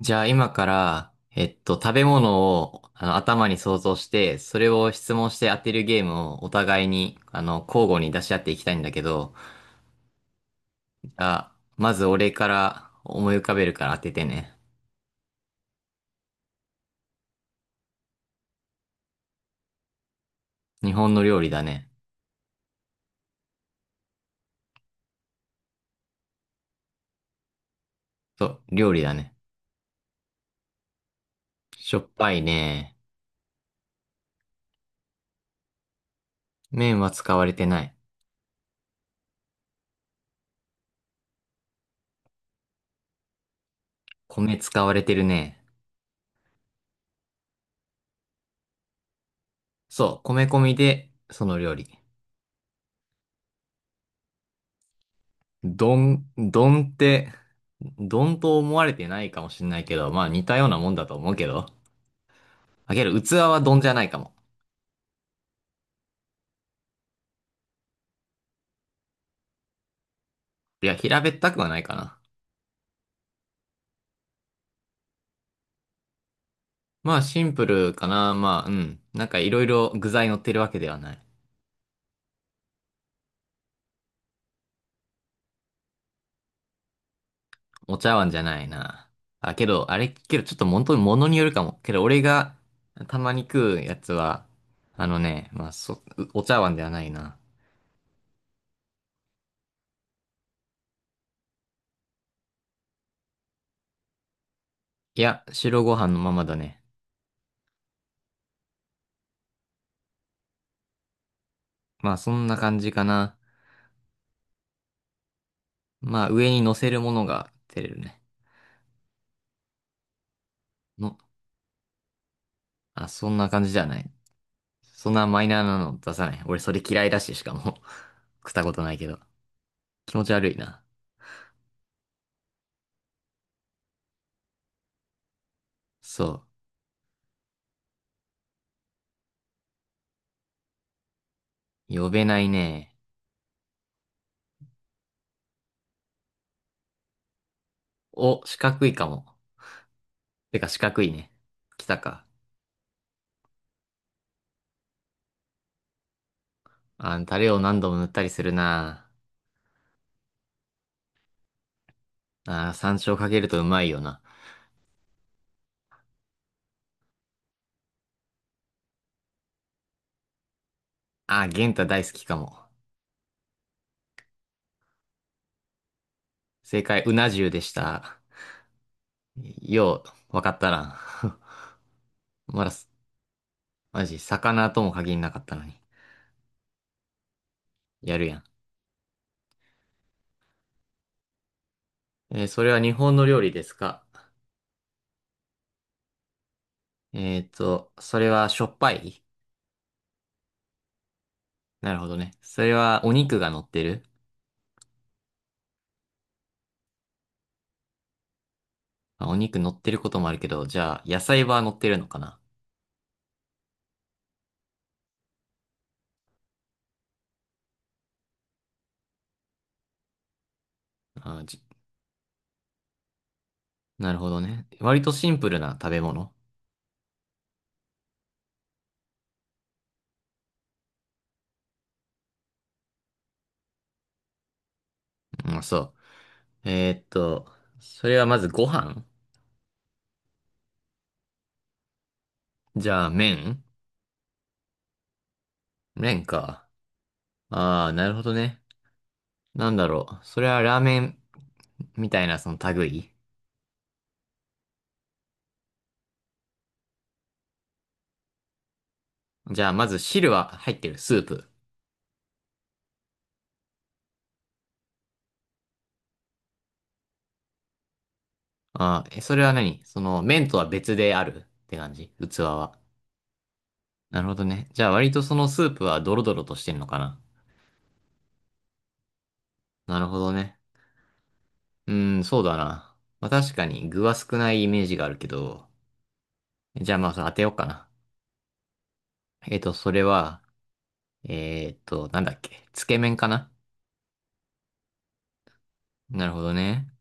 じゃあ今から、食べ物を頭に想像して、それを質問して当てるゲームをお互いに、交互に出し合っていきたいんだけど、じゃあ、まず俺から思い浮かべるから当ててね。日本の料理だね。そう、料理だね。しょっぱいね。麺は使われてない。米使われてるね。そう、米込みで、その料理。どんどんって、どんと思われてないかもしれないけど、まあ似たようなもんだと思うけど。あげる器は丼じゃないかも。いや、平べったくはないかな。まあ、シンプルかな。まあ、うん。なんかいろいろ具材乗ってるわけではない。お茶碗じゃないな。あ、けど、あれ、けどちょっと本当に物によるかも。けど、俺がたまに食うやつは、あのね、まあ、お茶碗ではないな。いや、白ご飯のままだね。まあ、そんな感じかな。まあ、上に乗せるものが照れるね。の、あ、そんな感じじゃない。そんなマイナーなの出さない。俺、それ嫌いだし、しかも 食ったことないけど。気持ち悪いな。そう。呼べないね。お、四角いかも。てか四角いね。来たか。あ、タレを何度も塗ったりするな。あ、山椒かけるとうまいよな。あ、元ゲンタ大好きかも。正解、うな重でした。よう、わかったな。まだ、マジ、魚とも限りなかったのに。やるやん。えー、それは日本の料理ですか？それはしょっぱい？なるほどね。それはお肉が乗ってる？まあお肉乗ってることもあるけど、じゃあ、野菜は乗ってるのかな？あ、じ、なるほどね。割とシンプルな食べ物。うん、そう。えーっと、それはまずご飯？じゃあ、麺？麺か。ああ、なるほどね。なんだろう。それはラーメンみたいなその類？じゃあ、まず汁は入ってる、スープ？ああ、え、それは何その麺とは別であるって感じ？器は。なるほどね。じゃあ、割とそのスープはドロドロとしてんのかな？なるほどね。うん、そうだな。まあ確かに具は少ないイメージがあるけど、じゃあまあそれ当てようかな。えっと、それは、なんだっけ、つけ麺かな？なるほどね。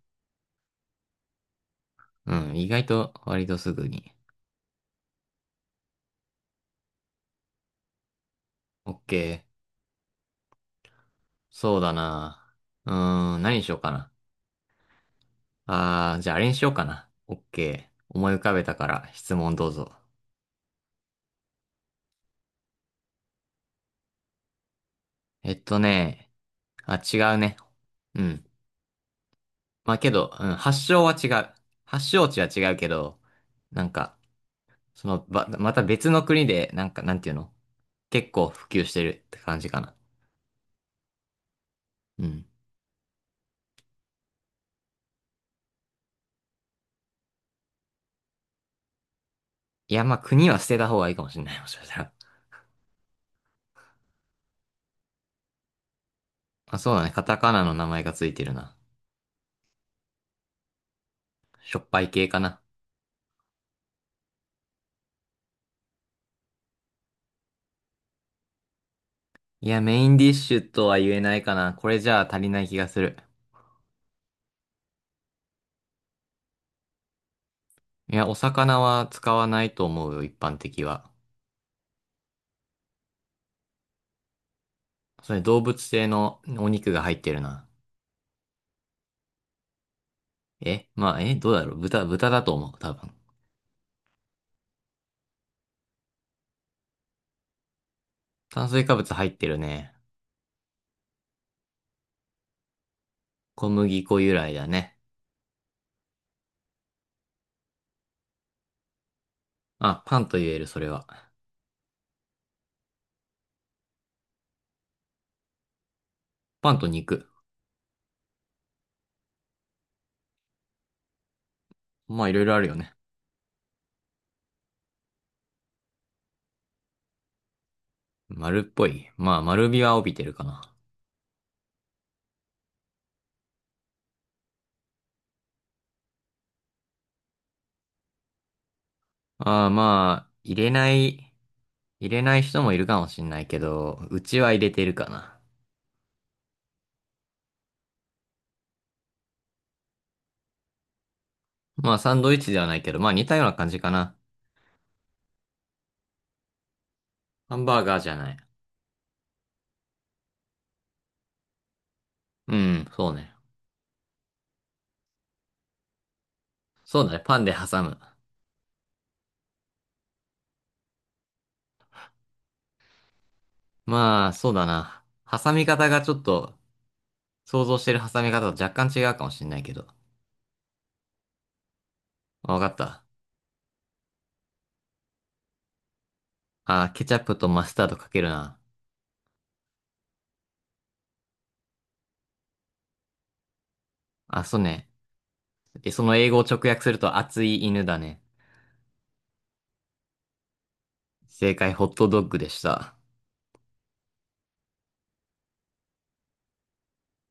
うん、意外と割とすぐに。オッケー。そうだな。うーん、何にしようかな。あー、じゃああれにしようかな。オッケー。思い浮かべたから質問どうぞ。えっとね、あ、違うね。うん。まあけど、うん、発祥は違う。発祥地は違うけど、なんか、その、ば、また別の国で、なんか、なんていうの？結構普及してるって感じかな。うん。いや、まあ、国は捨てた方がいいかもしれない、もしかしたら。まあ、そうだね。カタカナの名前がついてるな。しょっぱい系かな。いや、メインディッシュとは言えないかな。これじゃあ足りない気がする。いや、お魚は使わないと思うよ、一般的は。それ動物性のお肉が入ってるな。え、まあ、え、どうだろう豚、豚だと思う、多分。炭水化物入ってるね。小麦粉由来だね。まあ、パンと言える、それは。パンと肉。まあいろいろあるよね。丸っぽい。まあ丸みは帯びてるかな。ああ、まあ、入れない、入れない人もいるかもしんないけど、うちは入れてるかな。まあサンドイッチではないけど、まあ似たような感じかな。ハンバーガーじゃない。うん、そうね。そうだね、パンで挟む。まあ、そうだな。挟み方がちょっと、想像してる挟み方と若干違うかもしんないけど。あ、わかった。あ、ケチャップとマスタードかけるな。あ、そうね。え、その英語を直訳すると熱い犬だね。正解、ホットドッグでした。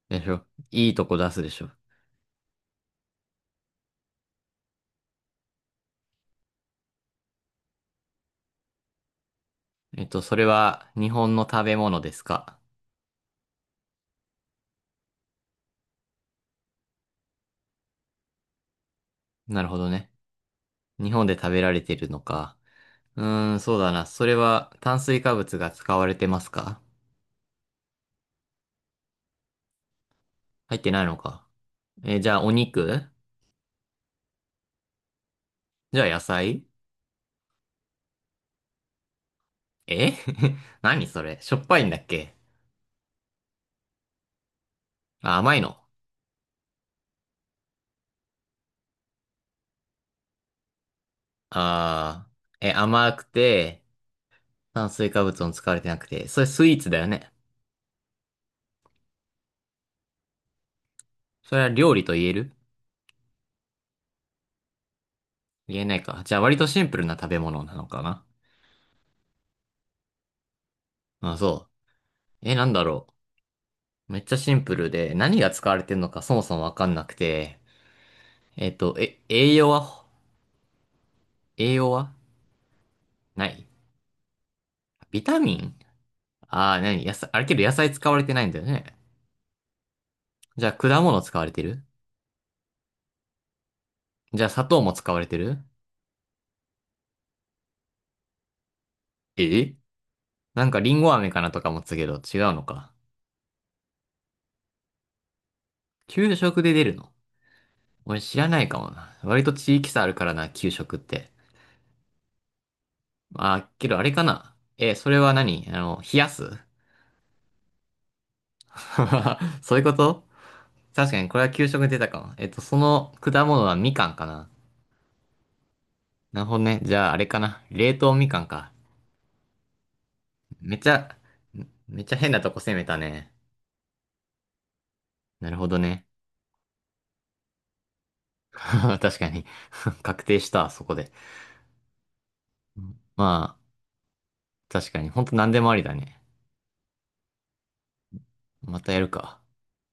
でしょ？いいとこ出すでしょ？えっと、それは日本の食べ物ですか？なるほどね。日本で食べられてるのか。うーん、そうだな。それは炭水化物が使われてますか？入ってないのか。え、じゃあお肉？じゃあ野菜？え 何それ、しょっぱいんだっけ？あ、甘いの？あー、え、甘くて、炭水化物も使われてなくて、それスイーツだよね。それは料理と言える？言えないか。じゃあ割とシンプルな食べ物なのかな。まあ、そう。え、なんだろう。めっちゃシンプルで、何が使われてるのかそもそもわかんなくて。えっと、え、栄養は、栄養はない？ビタミン？ああー、何野菜、あれけど野菜使われてないんだよね。じゃあ果物使われてる？じゃあ砂糖も使われてる？え、なんかリンゴ飴かなとか思ってたけど違うのか。給食で出るの？俺知らないかもな。割と地域差あるからな、給食って。まあ、けどあれかな。え、それは何あの、冷やす？ そういうこと？確かにこれは給食に出たかも。えっと、その果物はみかんかな。なるほどね。じゃああれかな。冷凍みかんか。めっちゃ、めっちゃ変なとこ攻めたね。なるほどね。確かに。確定した、そこで。まあ、確かに。ほんと何でもありだね。またやるか。